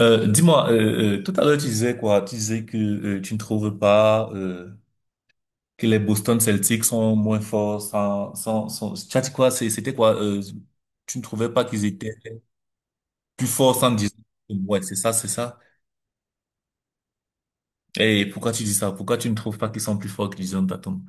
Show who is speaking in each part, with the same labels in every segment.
Speaker 1: Dis-moi, tout à l'heure tu disais quoi? Tu disais que tu ne trouves pas que les Boston Celtics sont moins forts sans... Tu as dit quoi? C'était quoi? Tu ne trouvais pas qu'ils étaient plus forts sans Jason Tatum. Ouais, c'est ça. Et pourquoi tu dis ça? Pourquoi tu ne trouves pas qu'ils sont plus forts que Jason Tatum?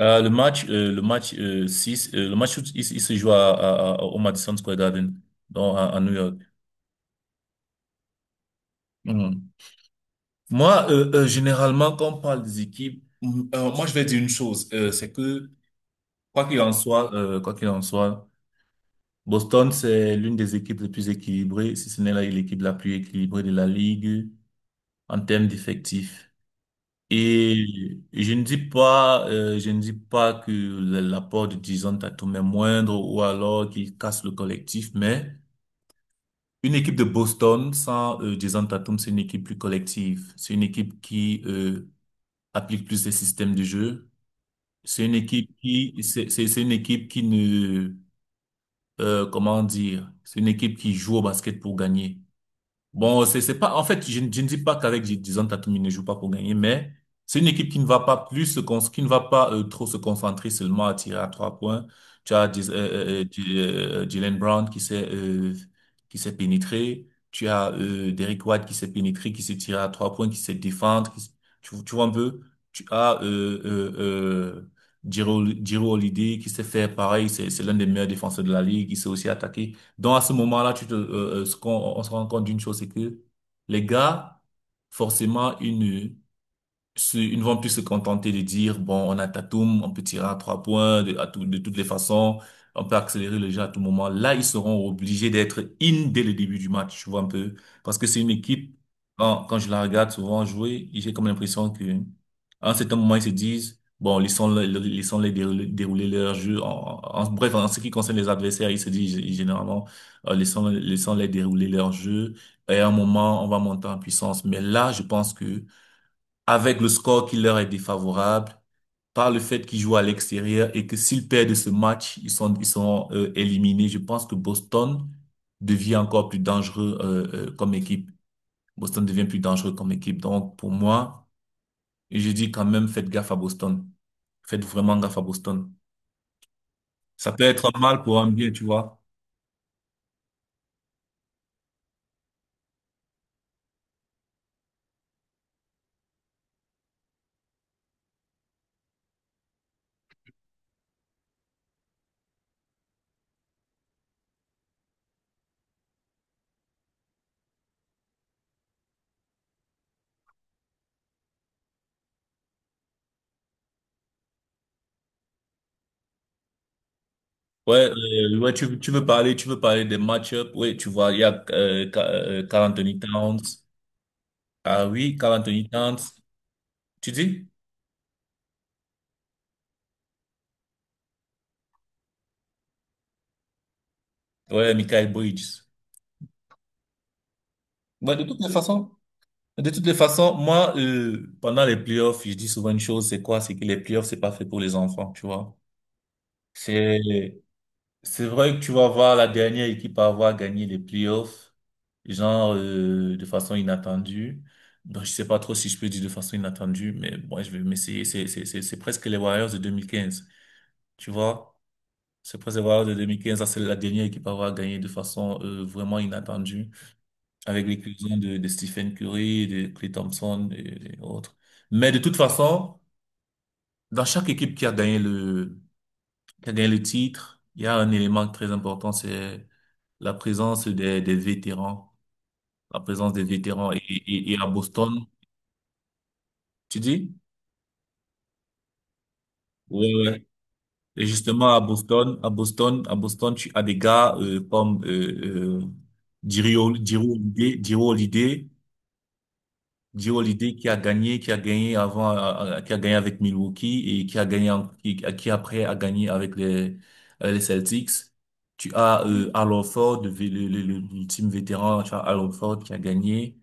Speaker 1: Le match 6, le match, où il se joue au Madison Square Garden, à New York. Mhm. Moi, généralement, quand on parle des équipes, moi, je vais dire une chose, c'est que, quoi qu'il en soit, quoi qu'il en soit, Boston, c'est l'une des équipes les plus équilibrées, si ce n'est l'équipe la plus équilibrée de la ligue en termes d'effectifs. Et je ne dis pas, je ne dis pas que l'apport de Jason Tatum est moindre ou alors qu'il casse le collectif, mais une équipe de Boston sans Jason Tatum, c'est une équipe plus collective. C'est une équipe qui applique plus les systèmes de jeu. C'est une équipe qui, c'est une équipe qui ne, comment dire, c'est une équipe qui joue au basket pour gagner. Bon, c'est pas. En fait, je ne dis pas qu'avec Jason Tatum, il ne joue pas pour gagner, mais c'est une équipe qui ne va pas plus qui ne va pas trop se concentrer seulement à tirer à trois points. Tu as Jaylen Brown qui s'est pénétré. Tu as Derrick White qui s'est pénétré, qui s'est tiré à trois points, qui s'est défendre, tu, tu vois un peu. Tu as euh, Jiro Holiday qui s'est fait pareil. C'est l'un des meilleurs défenseurs de la ligue. Il s'est aussi attaqué. Donc à ce moment-là, tu te, ce qu'on, on se rend compte d'une chose, c'est que les gars, forcément, ils ne vont plus se contenter de dire, bon, on a Tatum, on peut tirer à trois points de toutes les façons, on peut accélérer le jeu à tout moment. Là, ils seront obligés d'être in dès le début du match, tu vois un peu. Parce que c'est une équipe, quand je la regarde souvent jouer, j'ai comme l'impression que, à un certain moment, ils se disent, bon, laissons-les dérouler, dérouler leur jeu. Bref, en ce qui concerne les adversaires, ils se disent généralement, laissons-les dérouler leur jeu. Et à un moment, on va monter en puissance. Mais là, je pense que, avec le score qui leur est défavorable, par le fait qu'ils jouent à l'extérieur et que s'ils perdent ce match, ils sont éliminés. Je pense que Boston devient encore plus dangereux comme équipe. Boston devient plus dangereux comme équipe. Donc, pour moi, je dis quand même, faites gaffe à Boston. Faites vraiment gaffe à Boston. Ça peut être un mal pour un bien, tu vois. Ouais, tu veux parler des match-ups. Oui, tu vois, il y a Karl Anthony Towns. Ah oui, Karl Anthony Towns. Tu dis? Ouais, Michael Bridges. Ouais, de toutes les façons, de toutes les façons, moi, pendant les playoffs, je dis souvent une chose, c'est quoi? C'est que les playoffs, c'est pas fait pour les enfants, tu vois. C'est, c'est vrai que tu vas voir la dernière équipe à avoir gagné les playoffs, genre, de façon inattendue. Donc, je sais pas trop si je peux dire de façon inattendue, mais bon, je vais m'essayer. C'est presque les Warriors de 2015, tu vois. C'est presque les Warriors de 2015, ça, c'est la dernière équipe à avoir gagné de façon, vraiment inattendue, avec les cousins de Stephen Curry, de Klay Thompson et autres. Mais de toute façon, dans chaque équipe qui a qui a gagné le titre, il y a un élément très important, c'est la présence des vétérans, la présence des vétérans. Et à Boston, tu dis? Ouais, ouais. Et justement, à Boston, à Boston, à Boston, tu as des gars comme Jiri Hol- Jiri Holiday, Jiri Holiday, Joe Holiday qui a gagné avant, qui a gagné avec Milwaukee et qui a qui après a gagné avec avec les Celtics. Tu as Al Horford, l'ultime vétéran, tu as Al Horford qui a gagné,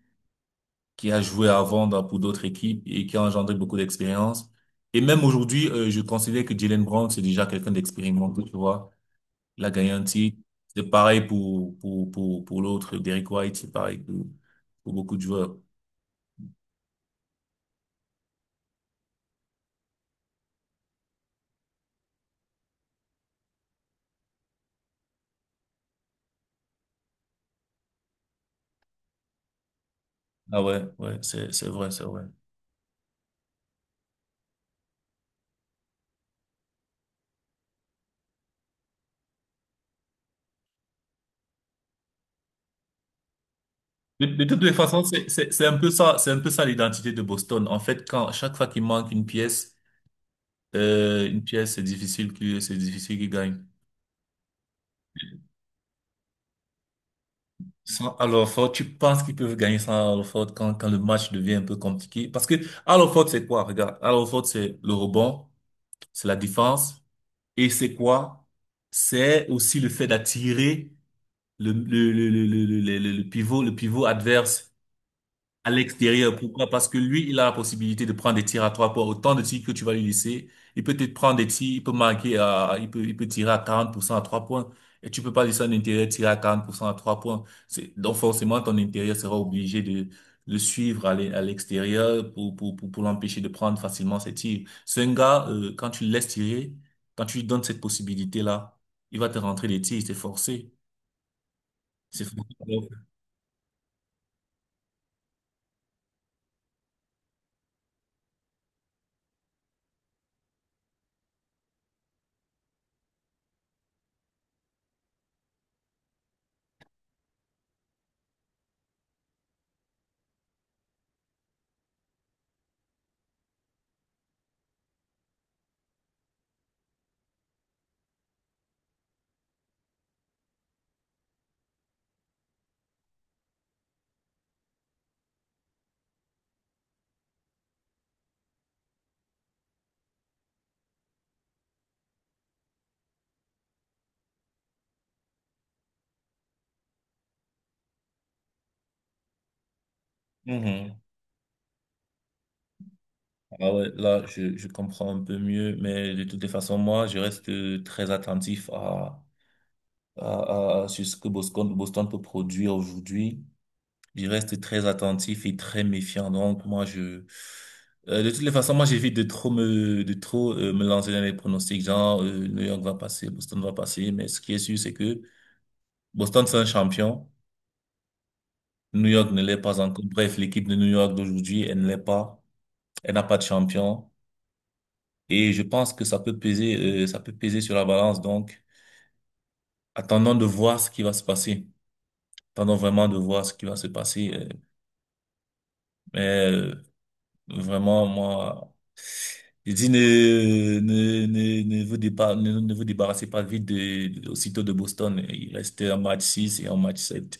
Speaker 1: qui a joué avant pour d'autres équipes et qui a engendré beaucoup d'expérience. Et même aujourd'hui, je considère que Jalen Brown, c'est déjà quelqu'un d'expérimenté, tu vois. Il a gagné un titre. C'est pareil pour l'autre, Derrick White, c'est pareil pour beaucoup de joueurs. Ah ouais, ouais, c'est vrai, c'est vrai. De toutes les façons, c'est un peu ça, c'est un peu ça l'identité de Boston. En fait, quand, chaque fois qu'il manque une pièce, c'est difficile c'est difficile qu'il gagne. Sans Al Horford, tu penses qu'ils peuvent gagner sans Al Horford quand le match devient un peu compliqué? Parce que Al Horford, c'est quoi? Regarde, Al Horford, c'est le rebond, c'est la défense, et c'est quoi? C'est aussi le fait d'attirer le pivot adverse à l'extérieur. Pourquoi? Parce que lui, il a la possibilité de prendre des tirs à trois points. Autant de tirs que tu vas lui laisser, il peut te prendre des tirs, il peut il peut, il peut tirer à 40% à trois points. Et tu peux pas laisser un intérieur tirer à 40% à trois points. C'est, donc forcément, ton intérieur sera obligé de le suivre à l'extérieur pour l'empêcher de prendre facilement ses tirs. C'est un gars, quand tu le laisses tirer, quand tu lui donnes cette possibilité-là, il va te rentrer des tirs, c'est forcé. C'est forcé. Mhm. Ah ouais, là, je comprends un peu mieux, mais de toutes les façons, moi, je reste très attentif à ce que Boston peut produire aujourd'hui. Je reste très attentif et très méfiant. Donc, de toutes les façons, moi, j'évite de trop de trop me lancer dans les pronostics, genre, New York va passer, Boston va passer. Mais ce qui est sûr, c'est que Boston, c'est un champion. New York ne l'est pas encore. Bref, l'équipe de New York d'aujourd'hui, elle ne l'est pas. Elle n'a pas de champion. Et je pense que ça peut peser, ça peut peser sur la balance. Donc, attendons de voir ce qui va se passer. Attendons vraiment de voir ce qui va se passer. mais euh, Vraiment, moi, je dis ne vous débarrassez pas vite aussitôt de Boston. Il reste un match 6 et un match sept.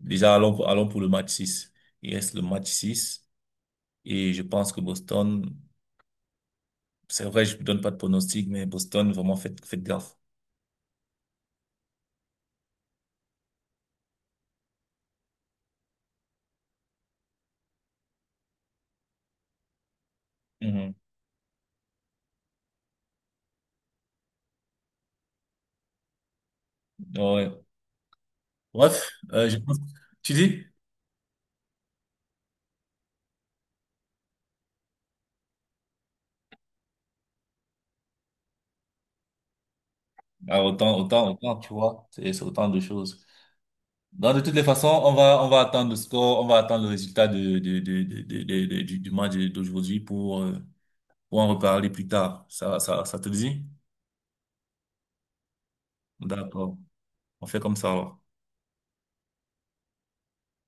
Speaker 1: Déjà, allons pour le match six. Il reste le match six. Et je pense que Boston, c'est vrai, je ne donne pas de pronostic, mais Boston, vraiment, faites, faites gaffe. Mhm. Ouais. Bref, je pense, tu dis? Ah, autant, autant, autant, tu vois, c'est autant de choses. Donc, de toutes les façons, on va attendre le score, on va attendre le résultat du match d'aujourd'hui pour en reparler plus tard. Ça te dit? D'accord. On fait comme ça alors.